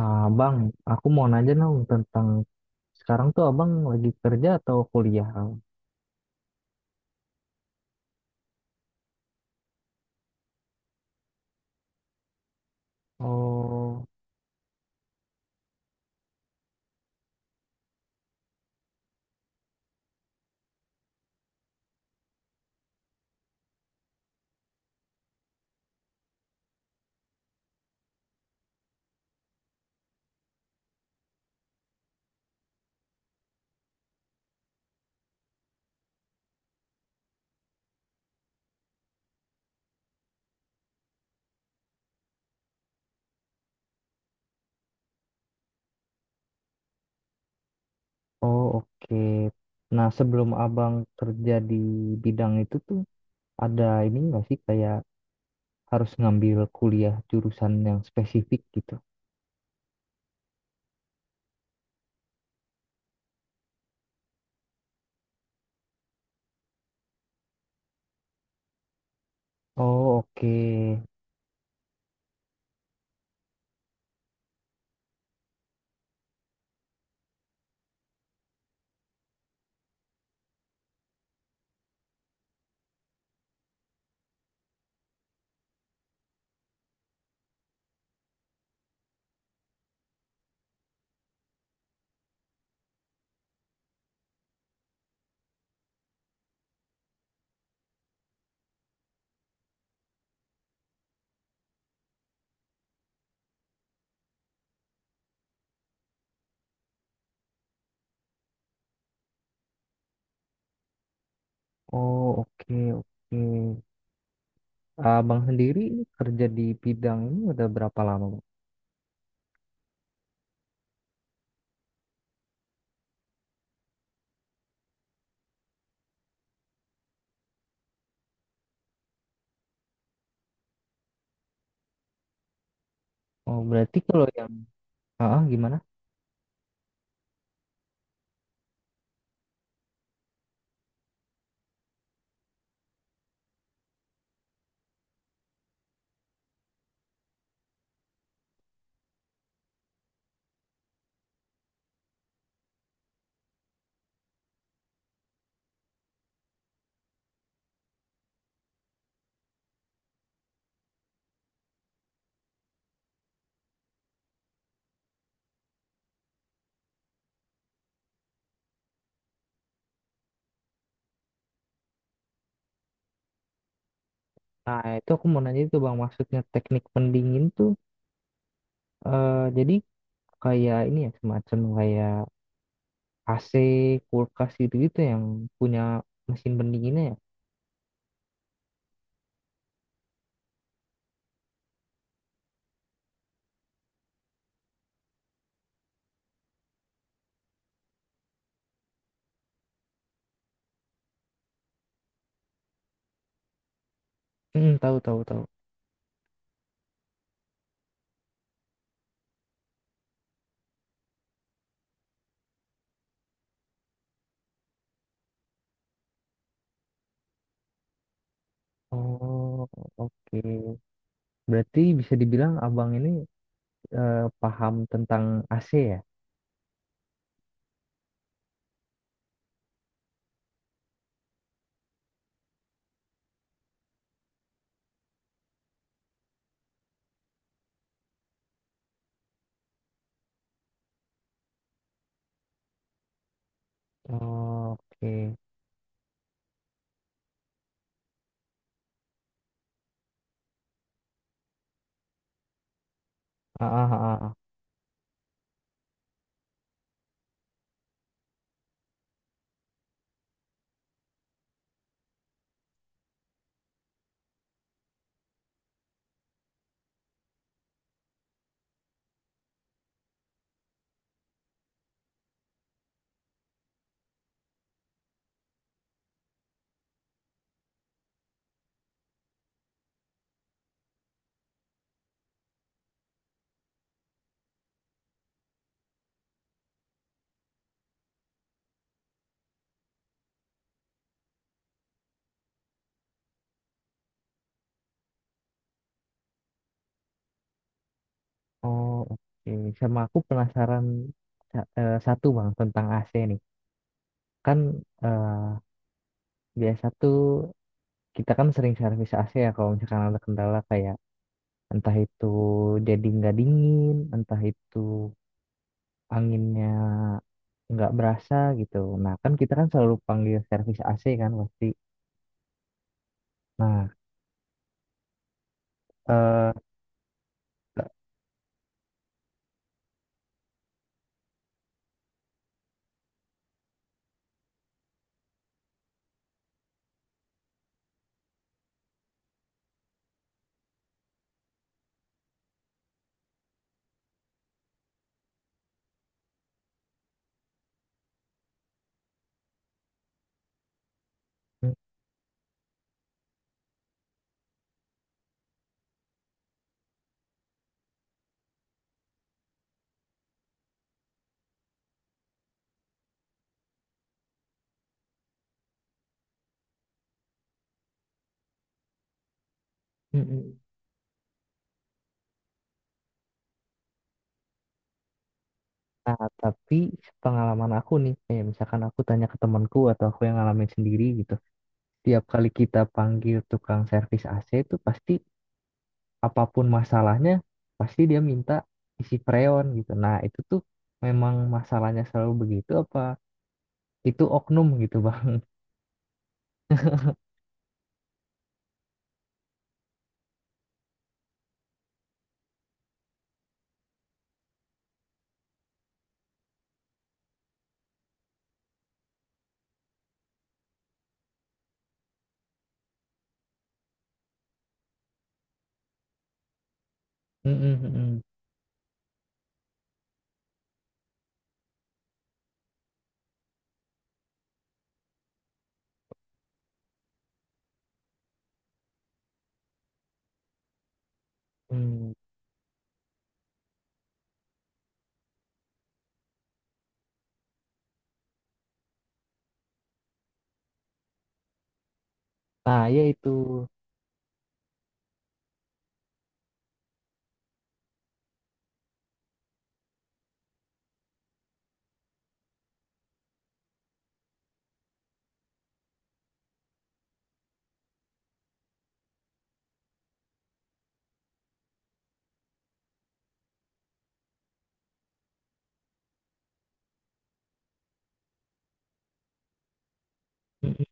Ah, bang, aku mau nanya dong tentang sekarang tuh abang lagi kerja atau kuliah? Oh, oh oke. Nah, sebelum abang kerja di bidang itu tuh ada ini nggak sih kayak harus ngambil kuliah jurusan yang spesifik gitu? Oh oke, oh oke oke. Abang sendiri ini kerja di bidang ini udah berapa lama? Bang? Oh berarti kalau yang, ah ah, gimana? Nah, itu aku mau nanya itu Bang, maksudnya teknik pendingin tuh jadi kayak ini ya semacam kayak AC, kulkas gitu-gitu yang punya mesin pendinginnya ya. Hmm, tahu tahu tahu. Oh, oke. Berarti bisa dibilang abang ini paham tentang AC ya? Oh, oke. Ah, ah, ah, ah. Oh, oke. Sama aku penasaran satu bang tentang AC nih. Kan eh, biasa tuh kita kan sering servis AC ya kalau misalkan ada kendala kayak Entah itu jadi nggak dingin, entah itu anginnya nggak berasa gitu. Nah, kan kita kan selalu panggil servis AC kan pasti. Nah, eh, mm, mm, mm. nah tapi pengalaman aku nih, kayak misalkan aku tanya ke temanku atau aku yang ngalamin sendiri gitu. Tiap kali kita panggil tukang servis AC itu pasti apapun masalahnya, pasti dia minta isi freon gitu. Nah, itu tuh memang masalahnya selalu begitu apa itu oknum gitu. Mm-mm, mm-mm, mm. Nah, ya itu. Mm-mm.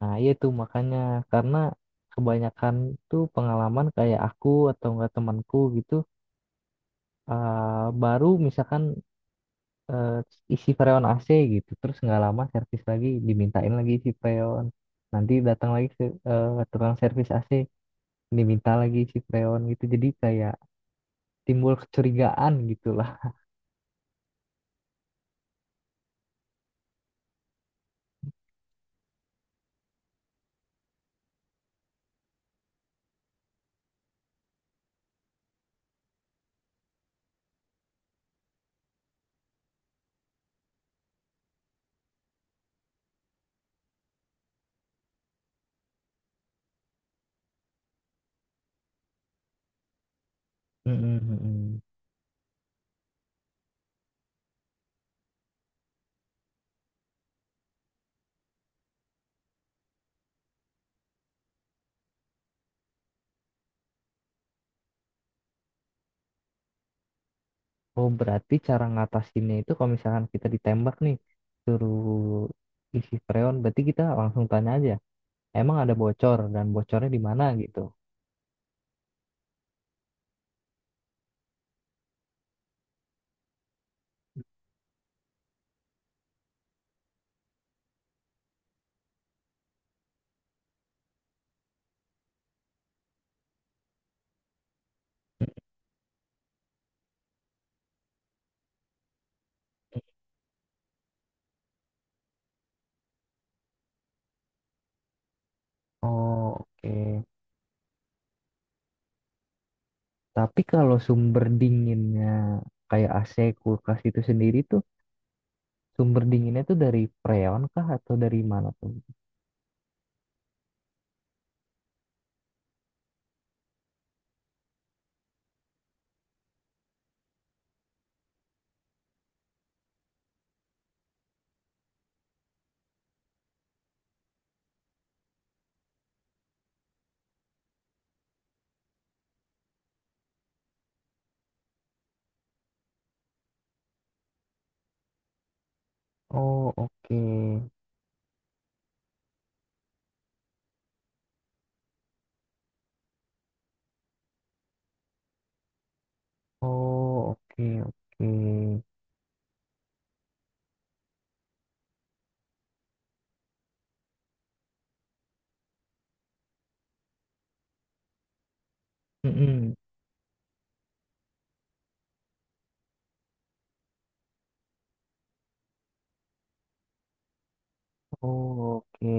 Nah, ya itu makanya karena kebanyakan tuh pengalaman kayak aku atau enggak temanku gitu baru misalkan eh, isi freon AC gitu terus nggak lama servis lagi dimintain lagi isi freon nanti datang lagi ke tukang servis AC diminta lagi isi freon gitu jadi kayak timbul kecurigaan gitulah. Oh, berarti cara ngatasinnya itu kalau misalkan kita ditembak nih, suruh isi freon, berarti kita langsung tanya aja, emang ada bocor dan bocornya di mana gitu. Oh, oke. Tapi kalau sumber dinginnya kayak AC, kulkas itu sendiri tuh, sumber dinginnya tuh dari freon kah atau dari mana tuh? Oh, oke. Oh, oke, oke. Mm-mm. Oh, oke.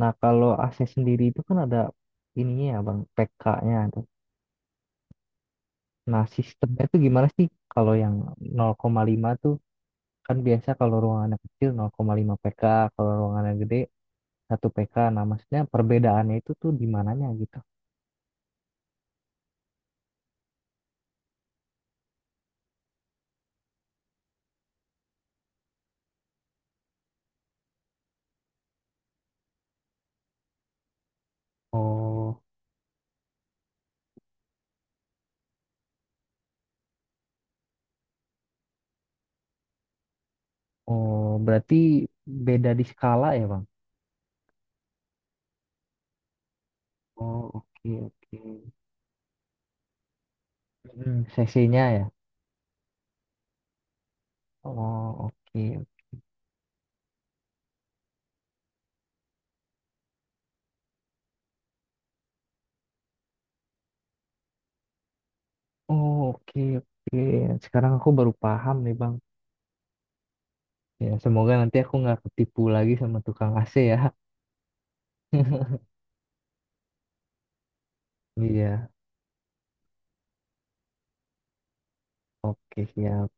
Nah, kalau AC sendiri itu kan ada ininya ya, Bang, PK-nya. Nah, sistemnya tuh gimana sih kalau yang 0,5 tuh kan biasa kalau ruangannya kecil 0,5 PK, kalau ruangannya gede 1 PK. Nah, maksudnya perbedaannya itu tuh di mananya gitu. Oh, oh, berarti beda di skala ya, Bang? Oh, oke, oke. Mm, cc ya. Oh, oke. Oh, oke, oke. Sekarang aku baru paham nih, Bang. Ya, semoga nanti aku nggak ketipu lagi sama tukang AC ya. Iya, oke, siap.